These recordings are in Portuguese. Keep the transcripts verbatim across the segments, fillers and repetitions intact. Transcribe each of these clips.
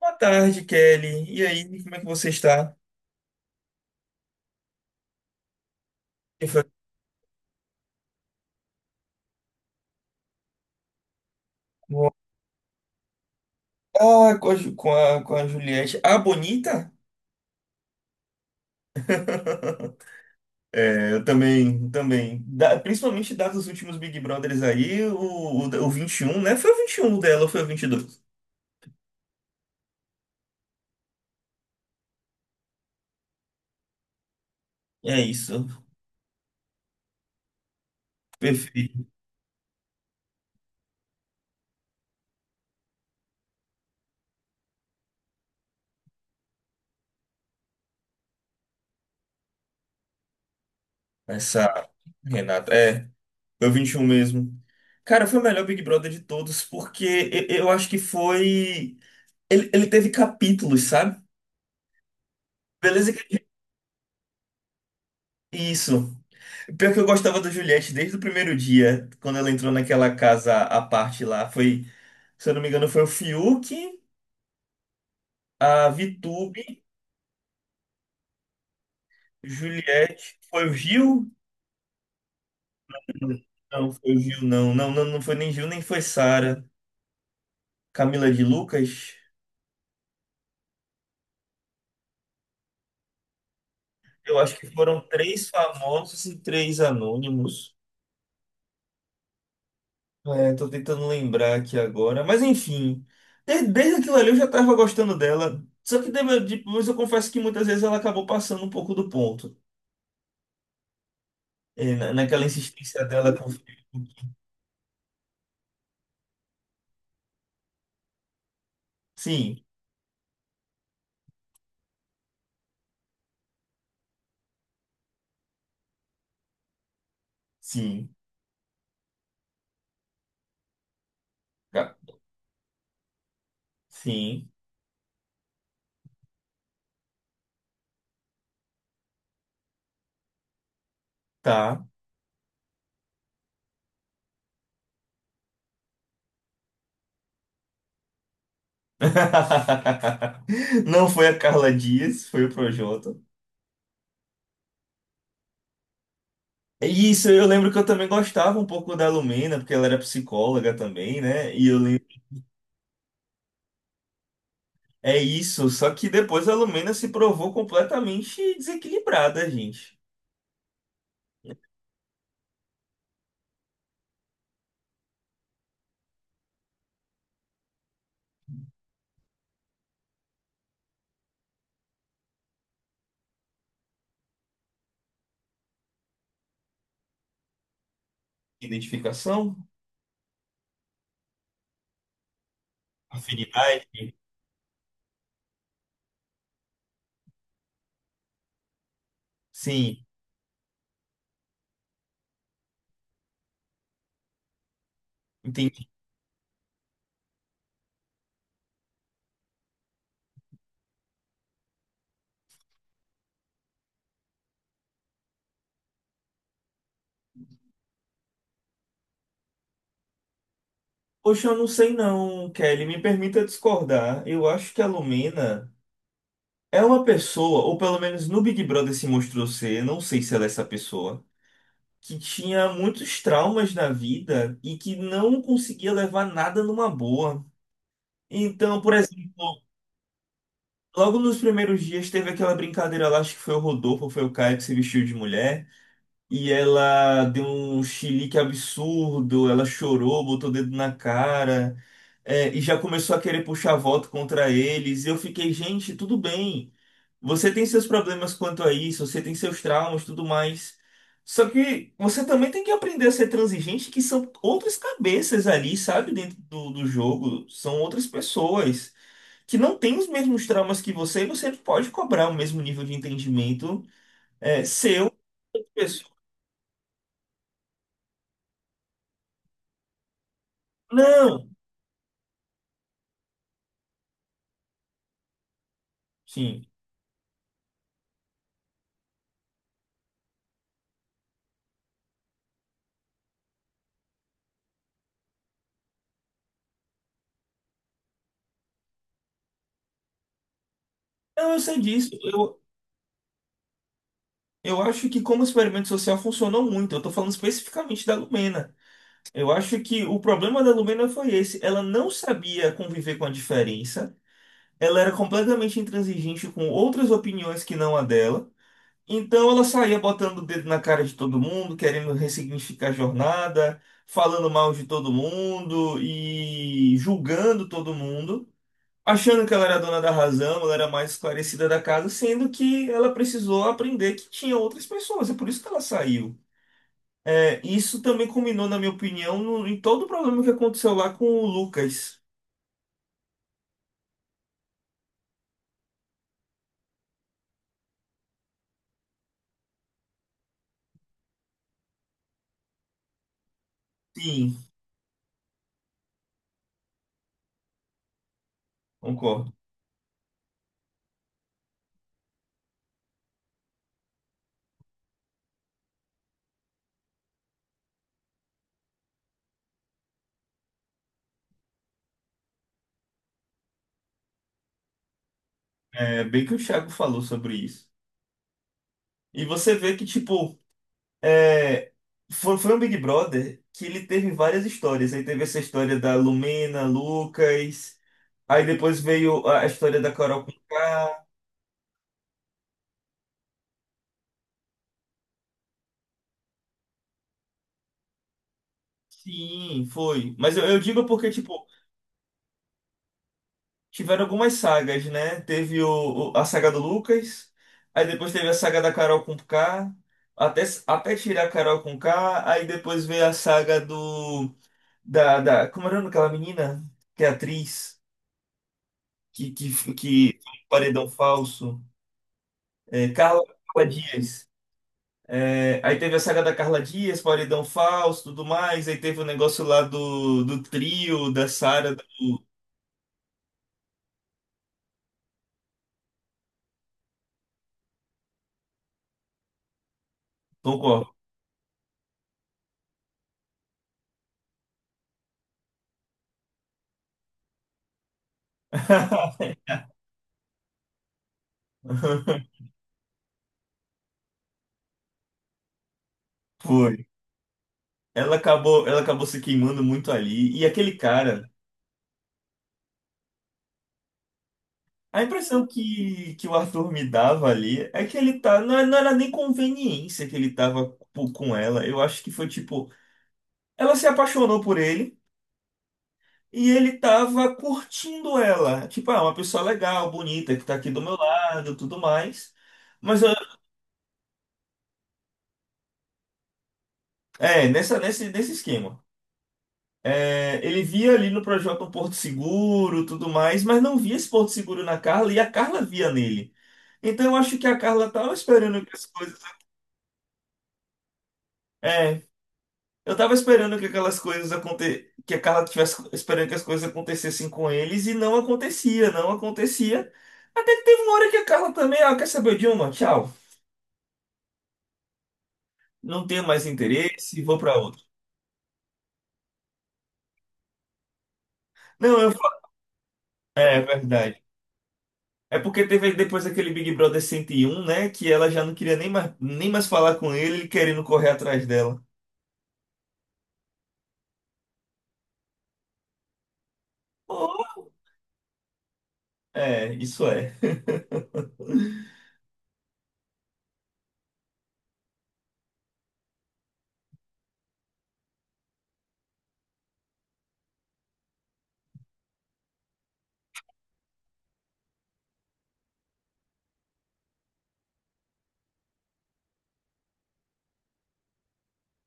Boa tarde, Kelly. E aí, como é que você está? Eu falei, ah, com a, Ju- com a, com a Juliette. Ah, bonita? É, eu também, também. Da- principalmente dados os últimos Big Brothers aí, o, o, da- o vinte e um, né? Foi o vinte e um dela ou foi o vinte e dois. É isso. Perfeito. Essa Renata. É, foi o vinte e um mesmo. Cara, foi o melhor Big Brother de todos, porque eu, eu acho que foi. Ele, ele teve capítulos, sabe? Beleza. Isso. Pior que eu gostava da Juliette desde o primeiro dia, quando ela entrou naquela casa à parte lá. Foi, se eu não me engano, foi o Fiuk, a Vitube, Juliette. Foi o Gil? Não, foi o Gil, não. Não, não, não foi nem Gil, nem foi Sara. Camila de Lucas. Eu acho que foram três famosos e três anônimos. É, tô tentando lembrar aqui agora. Mas enfim, de- desde aquilo ali eu já tava gostando dela. Só que deve- depois eu confesso que muitas vezes ela acabou passando um pouco do ponto. É, na- naquela insistência dela com o filho. Sim, sim, tá, sim, tá. Não foi a Carla Dias, foi o Projota. E isso eu lembro que eu também gostava um pouco da Lumena, porque ela era psicóloga também, né? E eu lembro. É isso, só que depois a Lumena se provou completamente desequilibrada, gente. Identificação? Afinidade? Sim, entendi. Poxa, eu não sei não, Kelly. Me permita discordar. Eu acho que a Lumena é uma pessoa, ou pelo menos no Big Brother se mostrou ser, não sei se ela é essa pessoa, que tinha muitos traumas na vida e que não conseguia levar nada numa boa. Então, por exemplo, logo nos primeiros dias teve aquela brincadeira lá, acho que foi o Rodolfo, foi o Caio que se vestiu de mulher. E ela deu um chilique absurdo, ela chorou, botou o dedo na cara, é, e já começou a querer puxar voto contra eles. E eu fiquei, gente, tudo bem. Você tem seus problemas quanto a isso, você tem seus traumas, tudo mais. Só que você também tem que aprender a ser transigente, que são outras cabeças ali, sabe, dentro do, do jogo. São outras pessoas que não têm os mesmos traumas que você, e você não pode cobrar o mesmo nível de entendimento, é, seu. Pessoa- Não. Sim. Não, eu sei disso. Eu, eu acho que como experimento social funcionou muito. Eu tô falando especificamente da Lumena. Eu acho que o problema da Lumena foi esse. Ela não sabia conviver com a diferença. Ela era completamente intransigente com outras opiniões que não a dela. Então ela saía botando o dedo na cara de todo mundo, querendo ressignificar a jornada, falando mal de todo mundo e julgando todo mundo, achando que ela era dona da razão, ela era mais esclarecida da casa, sendo que ela precisou aprender que tinha outras pessoas, é por isso que ela saiu. É, isso também culminou, na minha opinião, no- em todo o problema que aconteceu lá com o Lucas. Sim, concordo. É bem que o Thiago falou sobre isso. E você vê que, tipo, é, foi, foi um Big Brother que ele teve várias histórias. Aí teve essa história da Lumena, Lucas, aí depois veio a a história da Carol com K. Sim, foi. Mas eu, eu digo porque, tipo, tiveram algumas sagas, né? Teve o, o- a saga do Lucas, aí depois teve a saga da Carol com K, até, até tirar a Carol com K, aí depois veio a saga do. Da, da, como era o nome daquela menina? Que é atriz, que, que, que paredão falso. É, Carla, Carla Dias. É, aí teve a saga da Carla Dias, Paredão Falso, tudo mais. Aí teve o negócio lá do, do trio, da Sara, do Tom Cor. Foi. Ela acabou, ela acabou se queimando muito ali. E aquele cara, a impressão que, que o Arthur me dava ali é que ele tá. Não, é- não era nem conveniência que ele tava po- com ela. Eu acho que foi tipo. Ela se apaixonou por ele e ele tava curtindo ela. Tipo, ah, uma pessoa legal, bonita, que tá aqui do meu lado, tudo mais. Mas eu, é, nessa, nesse, nesse esquema. É, ele via ali no projeto um Porto Seguro, tudo mais, mas não via esse Porto Seguro na Carla e a Carla via nele. Então eu acho que a Carla tava esperando que as coisas. É, eu tava esperando que aquelas coisas aconte... que a Carla tivesse esperando que as coisas acontecessem com eles e não acontecia, não acontecia. Até que teve uma hora que a Carla também, ah, quer saber de uma? Tchau. Não tenho mais interesse, vou pra outra. Não, eu. fa- É, é verdade. É porque teve depois aquele Big Brother cento e um, né? Que ela já não queria nem mais, nem mais falar com ele, ele querendo correr atrás dela. Oh. É, isso é.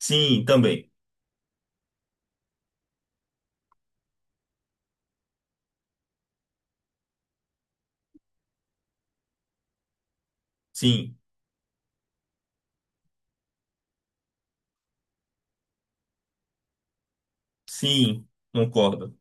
Sim, também. Sim, sim, concordo.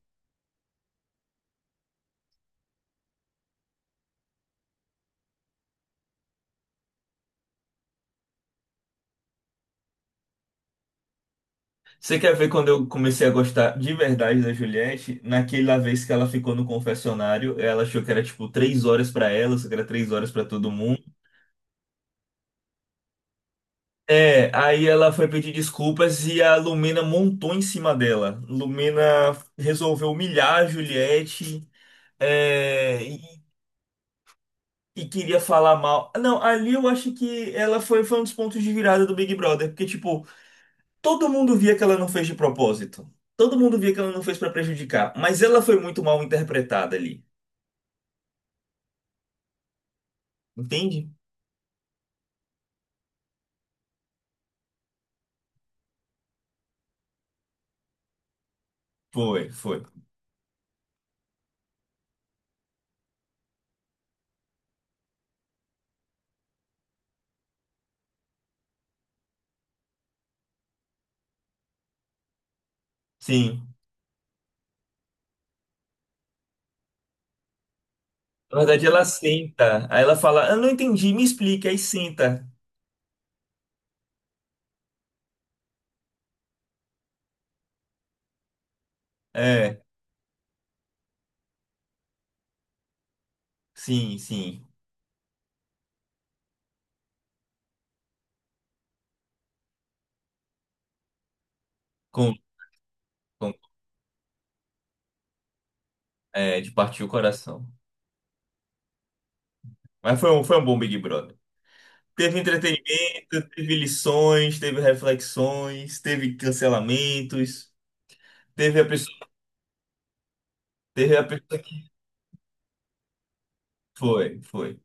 Você quer ver quando eu comecei a gostar de verdade da Juliette? Naquela vez que ela ficou no confessionário, ela achou que era tipo três horas pra ela, só que era três horas pra todo mundo. É, aí ela foi pedir desculpas e a Lumena montou em cima dela. Lumena resolveu humilhar a Juliette, é, e, e queria falar mal. Não, ali eu acho que ela foi, foi um dos pontos de virada do Big Brother, porque, tipo, todo mundo via que ela não fez de propósito. Todo mundo via que ela não fez pra prejudicar, mas ela foi muito mal interpretada ali. Entende? Foi, foi. Sim. Na verdade, ela senta. Aí ela fala, eu não entendi, me explica. Aí senta. É, sim, sim. Com, com- É, de partir o coração. Mas foi um, foi um bom Big Brother. Teve entretenimento, teve lições, teve reflexões, teve cancelamentos, teve a pessoa, teve a pessoa que foi, foi.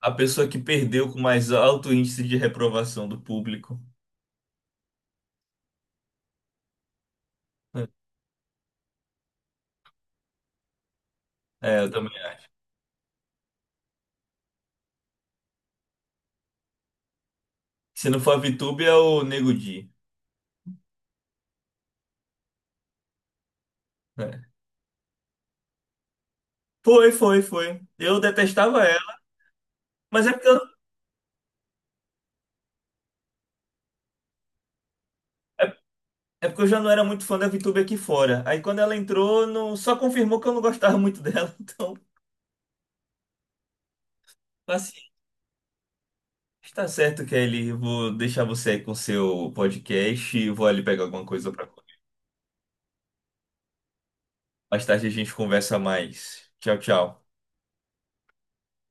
A pessoa que perdeu com mais alto índice de reprovação do público. É, eu também acho. Se não for a VTube, é o Nego Di. É. Foi, foi, foi. Eu detestava ela, mas é porque eu, é, é porque eu já não era muito fã da VTube aqui fora. Aí quando ela entrou, não, só confirmou que eu não gostava muito dela. Então, assim, está certo, Kelly. Eu vou deixar você aí com seu podcast e vou ali pegar alguma coisa para comer. Mais tarde a gente conversa mais. Tchau, tchau.